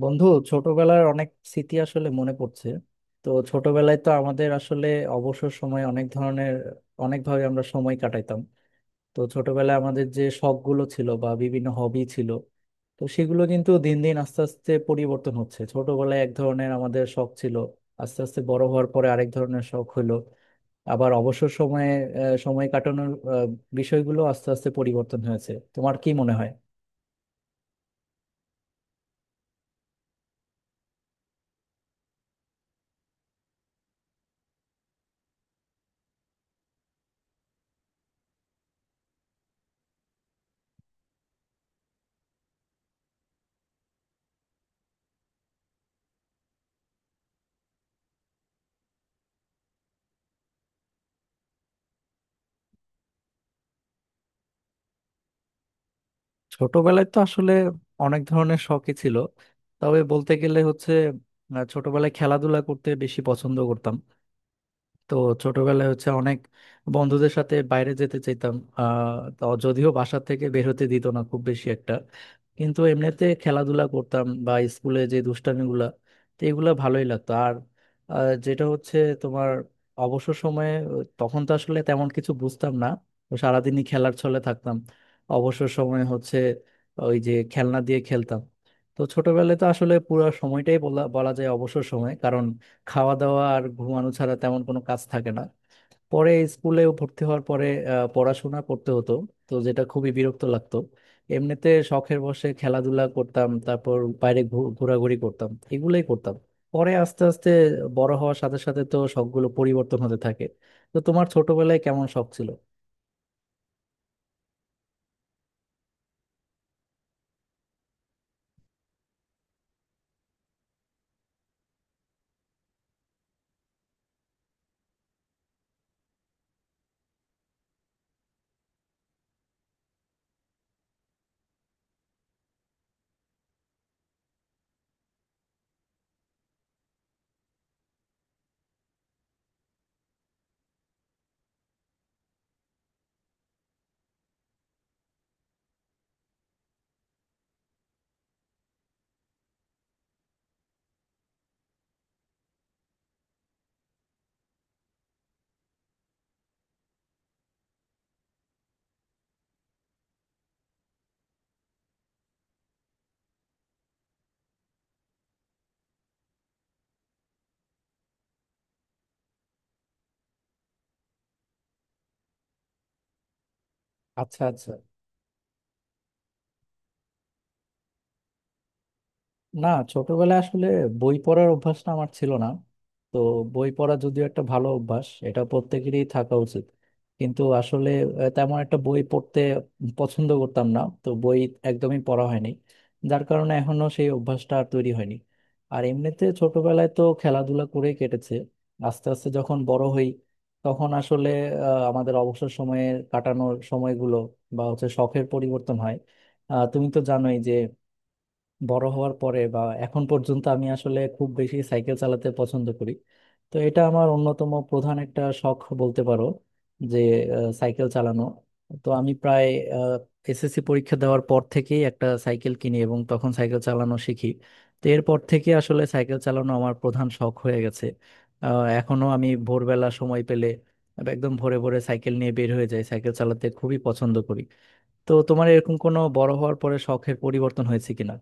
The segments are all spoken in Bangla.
বন্ধু, ছোটবেলার অনেক স্মৃতি আসলে মনে পড়ছে। তো ছোটবেলায় তো আমাদের আসলে অবসর সময় অনেক ধরনের, অনেকভাবে আমরা সময় কাটাইতাম। তো ছোটবেলায় আমাদের যে শখগুলো ছিল বা বিভিন্ন হবি ছিল, তো সেগুলো কিন্তু দিন দিন আস্তে আস্তে পরিবর্তন হচ্ছে। ছোটবেলায় এক ধরনের আমাদের শখ ছিল, আস্তে আস্তে বড় হওয়ার পরে আরেক ধরনের শখ হলো। আবার অবসর সময়ে সময় কাটানোর বিষয়গুলো আস্তে আস্তে পরিবর্তন হয়েছে। তোমার কি মনে হয়? ছোটবেলায় তো আসলে অনেক ধরনের শখই ছিল, তবে বলতে গেলে হচ্ছে ছোটবেলায় খেলাধুলা করতে বেশি পছন্দ করতাম। তো ছোটবেলায় হচ্ছে অনেক বন্ধুদের সাথে বাইরে যেতে চাইতাম, তো যদিও বাসা থেকে বের হতে দিত না খুব বেশি একটা, কিন্তু এমনিতে খেলাধুলা করতাম বা স্কুলে যে দুষ্টামিগুলা, তো এগুলা ভালোই লাগতো। আর যেটা হচ্ছে তোমার অবসর সময়ে তখন তো আসলে তেমন কিছু বুঝতাম না, তো সারাদিনই খেলার ছলে থাকতাম। অবসর সময়ে হচ্ছে ওই যে খেলনা দিয়ে খেলতাম। তো ছোটবেলায় তো আসলে পুরো সময়টাই বলা বলা যায় অবসর সময়, কারণ খাওয়া দাওয়া আর ঘুমানো ছাড়া তেমন কোনো কাজ থাকে না। পরে স্কুলে ভর্তি হওয়ার পরে পড়াশোনা করতে হতো, তো যেটা খুবই বিরক্ত লাগতো। এমনিতে শখের বশে খেলাধুলা করতাম, তারপর বাইরে ঘোরাঘুরি করতাম। এগুলোই করতাম। পরে আস্তে আস্তে বড় হওয়ার সাথে সাথে তো শখগুলো পরিবর্তন হতে থাকে। তো তোমার ছোটবেলায় কেমন শখ ছিল? আচ্ছা, আচ্ছা। না, ছোটবেলায় আসলে বই পড়ার অভ্যাসটা আমার ছিল না। তো বই পড়া যদিও একটা ভালো অভ্যাস, এটা প্রত্যেকেরই থাকা উচিত, কিন্তু আসলে তেমন একটা বই পড়তে পছন্দ করতাম না। তো বই একদমই পড়া হয়নি, যার কারণে এখনো সেই অভ্যাসটা আর তৈরি হয়নি। আর এমনিতে ছোটবেলায় তো খেলাধুলা করে কেটেছে। আস্তে আস্তে যখন বড় হই তখন আসলে আমাদের অবসর সময়ে কাটানোর সময়গুলো বা হচ্ছে শখের পরিবর্তন হয়। তুমি তো জানোই যে বড় হওয়ার পরে বা এখন পর্যন্ত আমি আসলে খুব বেশি সাইকেল চালাতে পছন্দ করি। তো এটা আমার অন্যতম প্রধান একটা শখ বলতে পারো, যে সাইকেল চালানো। তো আমি প্রায় এসএসসি পরীক্ষা দেওয়ার পর থেকেই একটা সাইকেল কিনি এবং তখন সাইকেল চালানো শিখি। তো এরপর থেকে আসলে সাইকেল চালানো আমার প্রধান শখ হয়ে গেছে। এখনো আমি ভোরবেলা সময় পেলে একদম ভোরে ভোরে সাইকেল নিয়ে বের হয়ে যাই, সাইকেল চালাতে খুবই পছন্দ করি। তো তোমার এরকম কোনো বড় হওয়ার পরে শখের পরিবর্তন হয়েছে কিনা?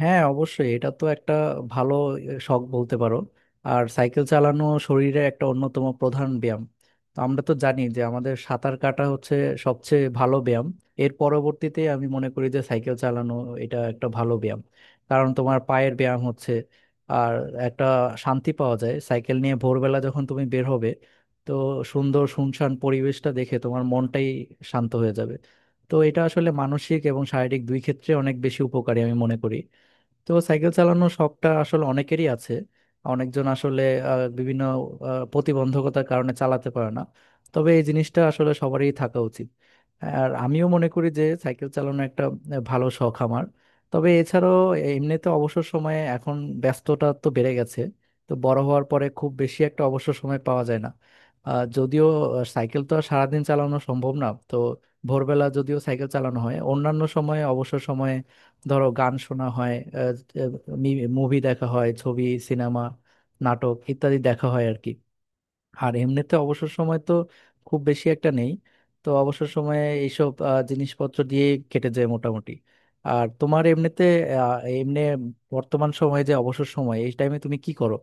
হ্যাঁ, অবশ্যই এটা তো একটা ভালো শখ বলতে পারো। আর সাইকেল চালানো শরীরের একটা অন্যতম প্রধান ব্যায়াম। তো আমরা তো জানি যে আমাদের সাঁতার কাটা হচ্ছে সবচেয়ে ভালো ব্যায়াম, এর পরবর্তীতে আমি মনে করি যে সাইকেল চালানো এটা একটা ভালো ব্যায়াম। কারণ তোমার পায়ের ব্যায়াম হচ্ছে, আর একটা শান্তি পাওয়া যায় সাইকেল নিয়ে ভোরবেলা যখন তুমি বের হবে। তো সুন্দর শুনশান পরিবেশটা দেখে তোমার মনটাই শান্ত হয়ে যাবে। তো এটা আসলে মানসিক এবং শারীরিক দুই ক্ষেত্রে অনেক বেশি উপকারী আমি মনে করি। তো সাইকেল চালানোর শখটা আসলে অনেকেরই আছে। অনেকজন আসলে বিভিন্ন প্রতিবন্ধকতার কারণে চালাতে পারে না, তবে এই জিনিসটা আসলে সবারই থাকা উচিত। আর আমিও মনে করি যে সাইকেল চালানো একটা ভালো শখ আমার। তবে এছাড়াও এমনিতে অবসর সময়ে এখন ব্যস্ততা তো বেড়ে গেছে, তো বড় হওয়ার পরে খুব বেশি একটা অবসর সময় পাওয়া যায় না। যদিও সাইকেল তো আর সারাদিন চালানো সম্ভব না, তো ভোরবেলা যদিও সাইকেল চালানো হয়, অন্যান্য সময়ে অবসর সময়ে ধরো গান শোনা হয়, মুভি দেখা হয়, ছবি, সিনেমা, নাটক ইত্যাদি দেখা হয় আর কি। আর এমনিতে অবসর সময় তো খুব বেশি একটা নেই। তো অবসর সময়ে এইসব জিনিসপত্র দিয়ে কেটে যায় মোটামুটি। আর তোমার এমনিতে আহ, এমনি বর্তমান সময়ে যে অবসর সময় এই টাইমে তুমি কি করো?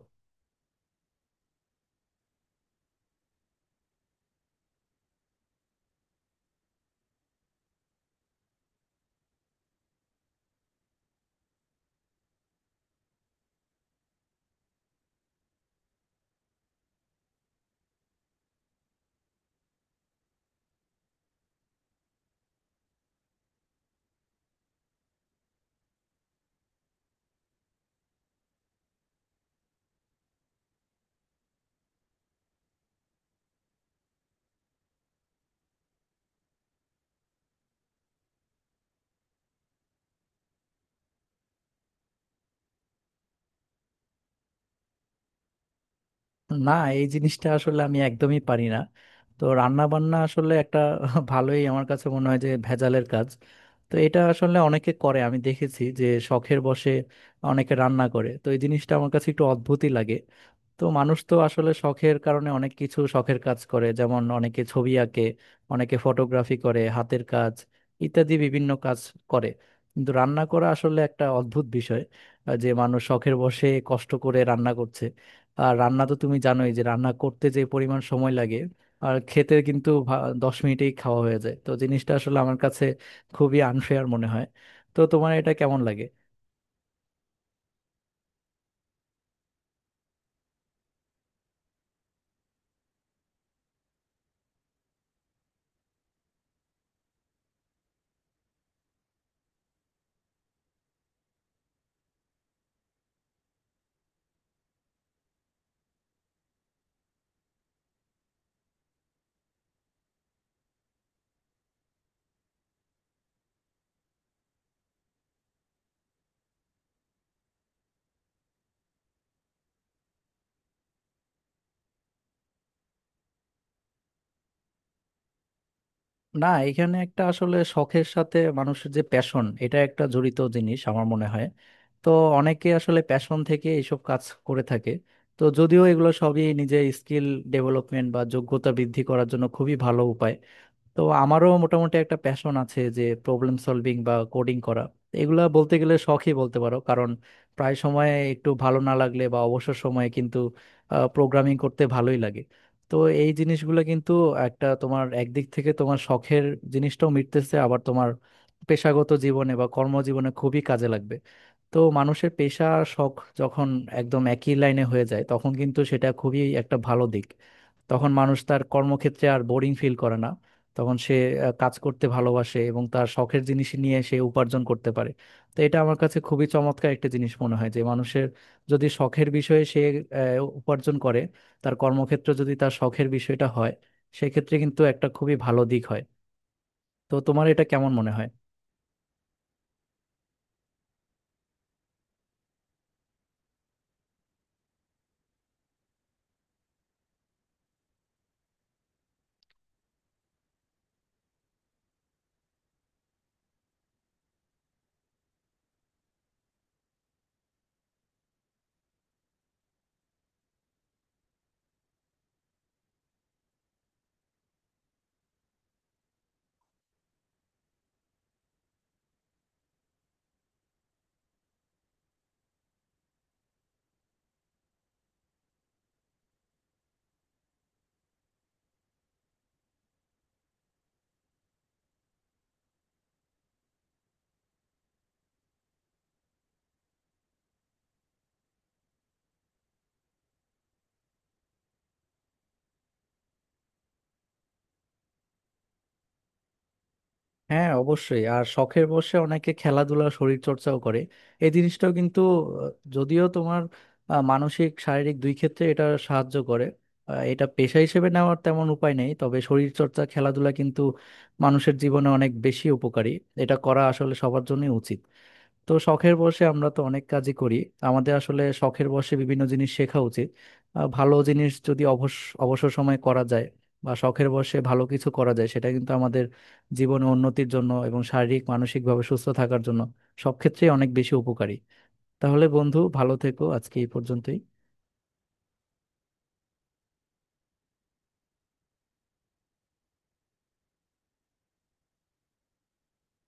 না, এই জিনিসটা আসলে আমি একদমই পারি না। তো রান্না বান্না আসলে একটা ভালোই আমার কাছে মনে হয় যে ভেজালের কাজ। তো এটা আসলে অনেকে করে আমি দেখেছি, যে শখের বশে অনেকে রান্না করে, তো এই জিনিসটা আমার কাছে একটু অদ্ভুতই লাগে। তো মানুষ তো আসলে শখের কারণে অনেক কিছু শখের কাজ করে, যেমন অনেকে ছবি আঁকে, অনেকে ফটোগ্রাফি করে, হাতের কাজ ইত্যাদি বিভিন্ন কাজ করে। কিন্তু রান্না করা আসলে একটা অদ্ভুত বিষয়, যে মানুষ শখের বশে কষ্ট করে রান্না করছে। আর রান্না তো তুমি জানোই যে রান্না করতে যে পরিমাণ সময় লাগে, আর খেতে কিন্তু 10 মিনিটেই খাওয়া হয়ে যায়। তো জিনিসটা আসলে আমার কাছে খুবই আনফেয়ার মনে হয়। তো তোমার এটা কেমন লাগে? না, এখানে একটা আসলে শখের সাথে মানুষের যে প্যাশন এটা একটা জড়িত জিনিস আমার মনে হয়। তো অনেকে আসলে প্যাশন থেকে এইসব কাজ করে থাকে। তো যদিও এগুলো সবই নিজের স্কিল ডেভেলপমেন্ট বা যোগ্যতা বৃদ্ধি করার জন্য খুবই ভালো উপায়। তো আমারও মোটামুটি একটা প্যাশন আছে যে প্রবলেম সলভিং বা কোডিং করা। এগুলা বলতে গেলে শখই বলতে পারো, কারণ প্রায় সময় একটু ভালো না লাগলে বা অবসর সময়ে কিন্তু প্রোগ্রামিং করতে ভালোই লাগে। তো এই জিনিসগুলো কিন্তু একটা, তোমার একদিক থেকে তোমার শখের জিনিসটাও মিটতেছে, আবার তোমার পেশাগত জীবনে বা কর্মজীবনে খুবই কাজে লাগবে। তো মানুষের পেশা আর শখ যখন একদম একই লাইনে হয়ে যায় তখন কিন্তু সেটা খুবই একটা ভালো দিক। তখন মানুষ তার কর্মক্ষেত্রে আর বোরিং ফিল করে না, তখন সে কাজ করতে ভালোবাসে এবং তার শখের জিনিস নিয়ে সে উপার্জন করতে পারে। তো এটা আমার কাছে খুবই চমৎকার একটা জিনিস মনে হয় যে মানুষের যদি শখের বিষয়ে সে আহ, উপার্জন করে, তার কর্মক্ষেত্র যদি তার শখের বিষয়টা হয়, সেক্ষেত্রে কিন্তু একটা খুবই ভালো দিক হয়। তো তোমার এটা কেমন মনে হয়? হ্যাঁ, অবশ্যই। আর শখের বসে অনেকে খেলাধুলা শরীর চর্চাও করে। এই জিনিসটাও কিন্তু আহ, যদিও তোমার মানসিক শারীরিক দুই ক্ষেত্রে এটা সাহায্য করে। এটা পেশা হিসেবে নেওয়ার তেমন উপায় নেই, তবে শরীর চর্চা খেলাধুলা কিন্তু মানুষের জীবনে অনেক বেশি উপকারী। এটা করা আসলে সবার জন্যই উচিত। তো শখের বশে আমরা তো অনেক কাজই করি। আমাদের আসলে শখের বশে বিভিন্ন জিনিস শেখা উচিত। ভালো জিনিস যদি অবসর সময় করা যায়, বা শখের বশে ভালো কিছু করা যায়, সেটা কিন্তু আমাদের জীবনে উন্নতির জন্য এবং শারীরিক মানসিকভাবে সুস্থ থাকার জন্য সব ক্ষেত্রেই অনেক বেশি উপকারী। তাহলে বন্ধু, ভালো থেকো। আজকে এই পর্যন্তই।